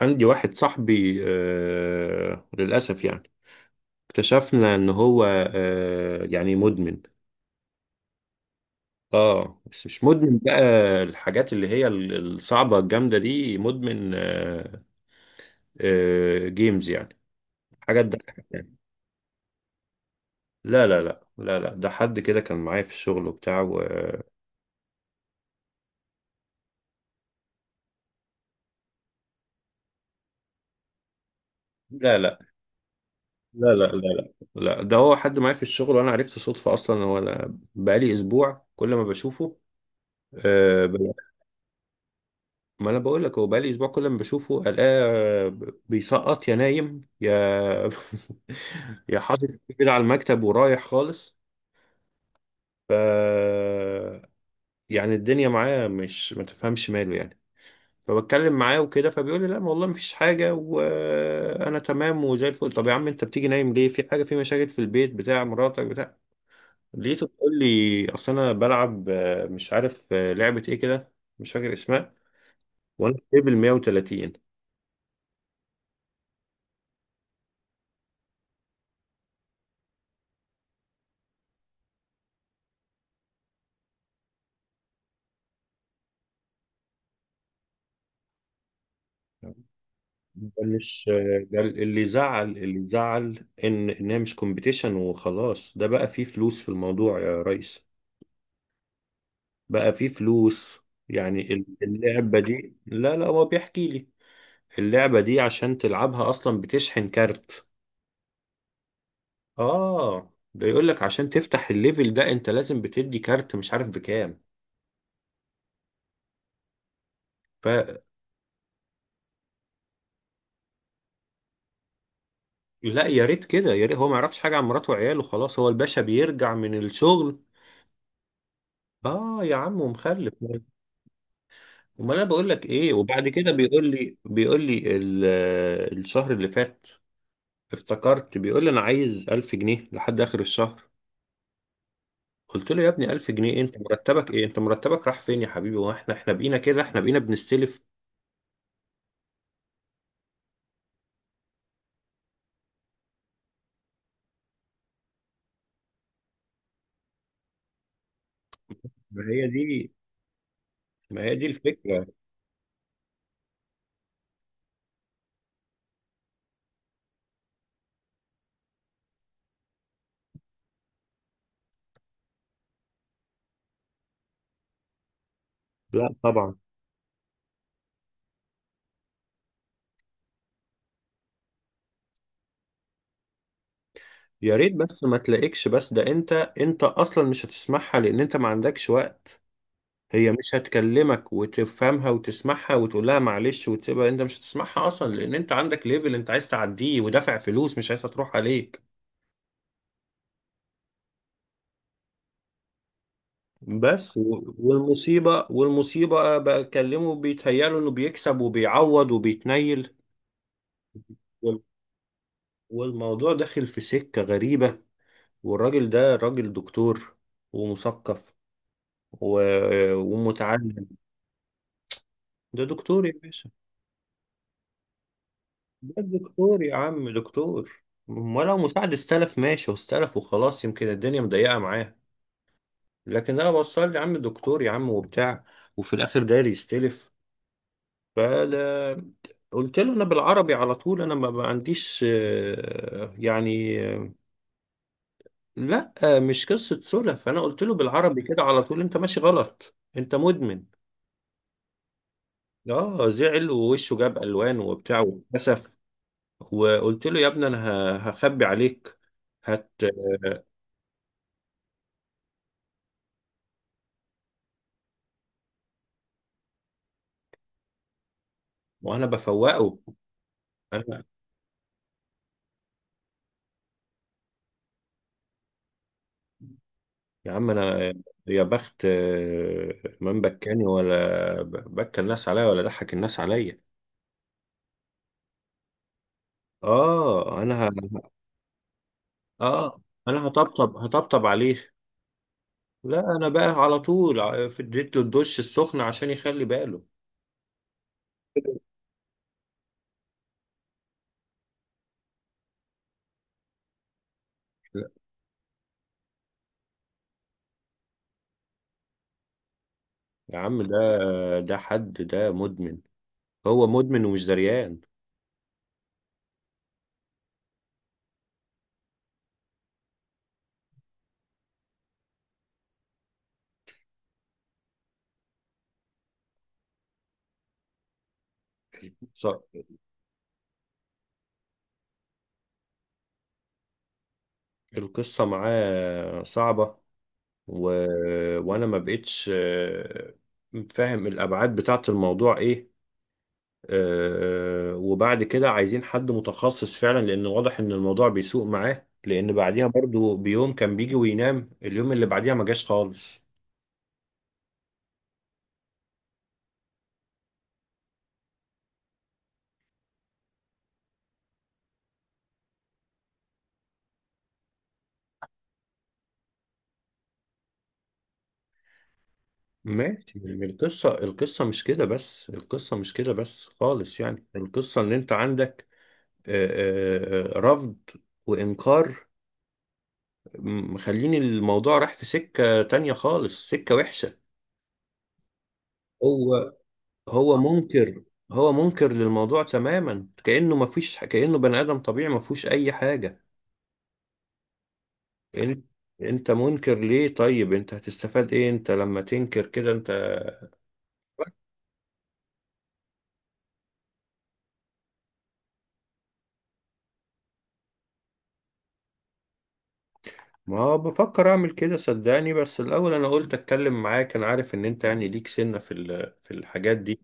عندي واحد صاحبي للأسف يعني اكتشفنا إن هو يعني مدمن. اه بس مش مدمن بقى الحاجات اللي هي الصعبة الجامدة دي مدمن جيمز يعني حاجات ده يعني. لا لا لا لا لا، ده حد كده كان معايا في الشغل وبتاع لا لا لا لا لا لا لا، ده هو حد معايا في الشغل وانا عرفته صدفة اصلا، هو انا بقالي اسبوع كل ما بشوفه. آه، ما انا بقول لك هو بقالي اسبوع كل ما بشوفه الاقيه بيسقط، يا نايم يا يا حاطط كده على المكتب ورايح خالص. ف يعني الدنيا معاه مش، ما تفهمش ماله يعني. فبتكلم معاه وكده فبيقول لي لا ما والله مفيش حاجه وانا تمام وزي الفل. طب يا عم انت بتيجي نايم ليه؟ في حاجه؟ في مشاكل في البيت بتاع مراتك بتاع؟ لقيته بيقول لي اصل انا بلعب، مش عارف، لعبه ايه كده مش فاكر اسمها، وانا في ليفل 130. ده مش ده اللي زعل، اللي زعل ان انها مش كومبيتيشن وخلاص، ده بقى فيه فلوس في الموضوع يا ريس. بقى فيه فلوس يعني اللعبة دي، لا لا هو بيحكي لي اللعبة دي عشان تلعبها اصلا بتشحن كارت. اه ده يقول لك عشان تفتح الليفل ده انت لازم بتدي كارت مش عارف بكام. فلا، يا ريت كده، يا ريت. هو ما يعرفش حاجة عن مراته وعياله خلاص، هو الباشا بيرجع من الشغل. اه يا عم ومخلف. ما انا بقول لك ايه، وبعد كده بيقول لي بيقول لي الشهر اللي فات افتكرت بيقول لي انا عايز 1000 جنيه لحد اخر الشهر. قلت له يا ابني 1000 جنيه إيه؟ انت مرتبك ايه؟ انت مرتبك راح فين يا حبيبي؟ واحنا بقينا كده؟ احنا بقينا بنستلف؟ ما هي دي، ما هي دي الفكرة. لا طبعا. يا ريت، بس ما تلاقيكش. بس ده انت، اصلا مش هتسمعها، لان انت ما عندكش وقت. هي مش هتكلمك وتفهمها وتسمعها وتقول لها معلش وتسيبها، انت مش هتسمعها اصلا، لان انت عندك ليفل انت عايز تعديه ودافع فلوس مش عايزها تروح عليك. والمصيبة، بقى بكلمه بيتهيأله انه بيكسب وبيعوض وبيتنيل. وال- والموضوع داخل في سكة غريبة. والراجل ده راجل دكتور، ومثقف، و... ومتعلم. ده دكتور يا باشا. بس دكتور يا عم، دكتور، ولو مساعد استلف ماشي، واستلف وخلاص، يمكن الدنيا مضيقة معاه. لكن انا بوصل لي يا عم دكتور يا عم وبتاع، وفي الاخر داير يستلف. فده، قلت له انا بالعربي على طول، انا ما عنديش يعني، لا، مش قصة سلف. انا قلت له بالعربي كده على طول انت ماشي غلط، انت مدمن. اه زعل ووشه جاب الوان وبتاع واتكسف. وقلت له يا ابني انا هخبي عليك هت وانا بفوقه. انا يا عم، يا بخت من بكاني ولا بكى الناس عليا ولا ضحك الناس عليا. اه انا اه انا هطبطب، عليه. لا انا بقى على طول اديت له الدش السخن عشان يخلي باله. لا يا عم ده، حد ده مدمن، هو مدمن ومش دريان. ص- القصة معاه صعبة، و... وانا ما بقتش فاهم الابعاد بتاعت الموضوع ايه. وبعد كده عايزين حد متخصص فعلا، لان واضح ان الموضوع بيسوء معاه، لان بعديها برضو بيوم كان بيجي وينام، اليوم اللي بعديها ما جاش خالص. ماشي يعني القصة، القصة مش كده بس، القصة مش كده بس خالص، يعني القصة ان انت عندك آه، رفض وانكار، مخلين الموضوع راح في سكة تانية خالص، سكة وحشة. هو هو منكر، هو منكر للموضوع تماما، كأنه ما فيش، كأنه بني آدم طبيعي ما فيهوش اي حاجة. انت، منكر ليه؟ طيب انت هتستفاد ايه انت لما تنكر كده انت؟ ما هو بفكر اعمل كده صدقني، بس الاول انا قلت اتكلم معاك، انا عارف ان انت يعني ليك سنة في في الحاجات دي.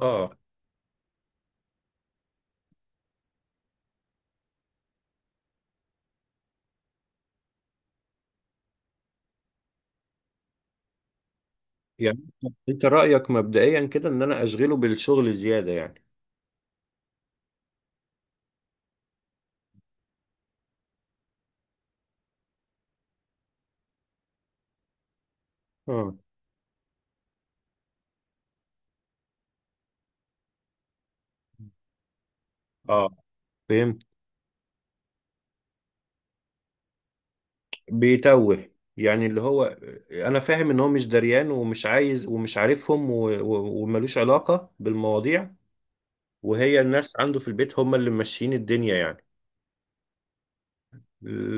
اه، يعني انت رأيك مبدئيا كده ان انا اشغله بالشغل زيادة يعني. اه اه، فهمت. بيتوه يعني، اللي هو، انا فاهم ان هو مش دريان ومش عايز ومش عارفهم وملوش علاقة بالمواضيع، وهي الناس عنده في البيت هم اللي ماشيين الدنيا يعني.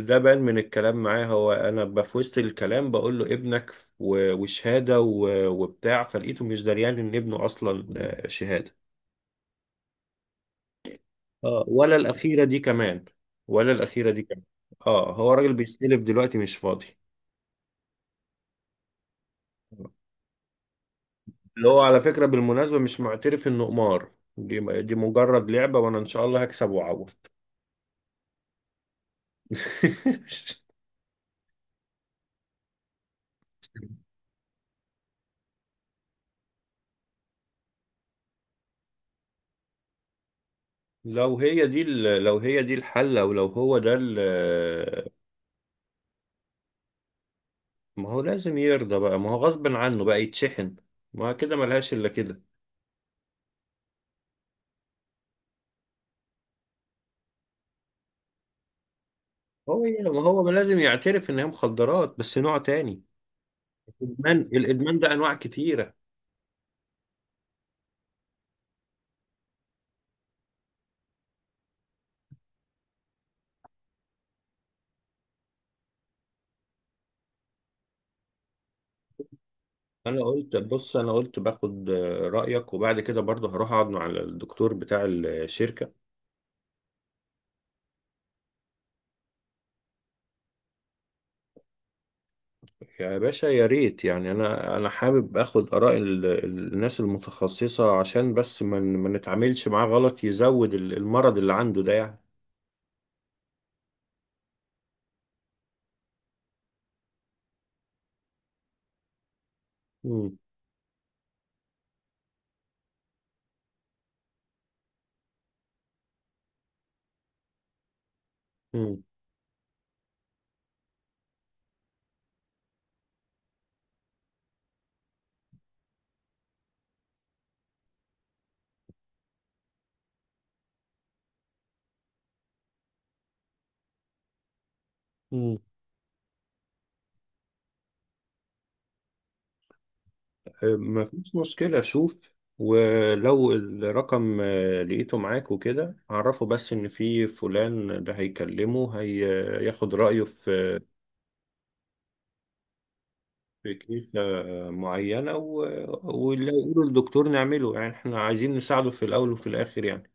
ده بان من الكلام معاه، هو انا في وسط الكلام بقول له ابنك وشهاده وبتاع، فلقيته مش دريان ان ابنه اصلا شهاده. اه ولا الاخيره دي كمان، ولا الاخيره دي كمان. اه هو راجل بيستلف دلوقتي مش فاضي. اللي هو على فكره بالمناسبه مش معترف انه قمار، دي دي مجرد لعبه وانا ان شاء الله هكسب واعوض. لو هي دي لو هي دي الحل، او لو هو ده ما هو لازم يرضى بقى، ما هو غصب عنه بقى يتشحن، ما كده ملهاش الا كده. هو، ما ما لازم يعترف ان هي مخدرات بس نوع تاني. الادمان، الادمان ده انواع كتيره. انا قلت بص، انا قلت باخد رايك، وبعد كده برضه هروح اقعد مع الدكتور بتاع الشركه. يا باشا يا ريت يعني، انا انا حابب اخد اراء الناس المتخصصه، عشان بس ما ما نتعاملش معاه غلط يزود المرض اللي عنده ده يعني. مم. مم. مم. ما فيش مشكلة، شوف، ولو الرقم لقيته معاك وكده عرفه، بس إن في فلان ده هيكلمه هياخد رأيه في، في كنيسة معينة، واللي يقوله الدكتور نعمله، يعني احنا عايزين نساعده في الأول وفي الآخر يعني.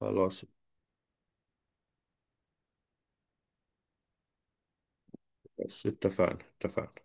خلاص، بس اتفقنا، اتفقنا.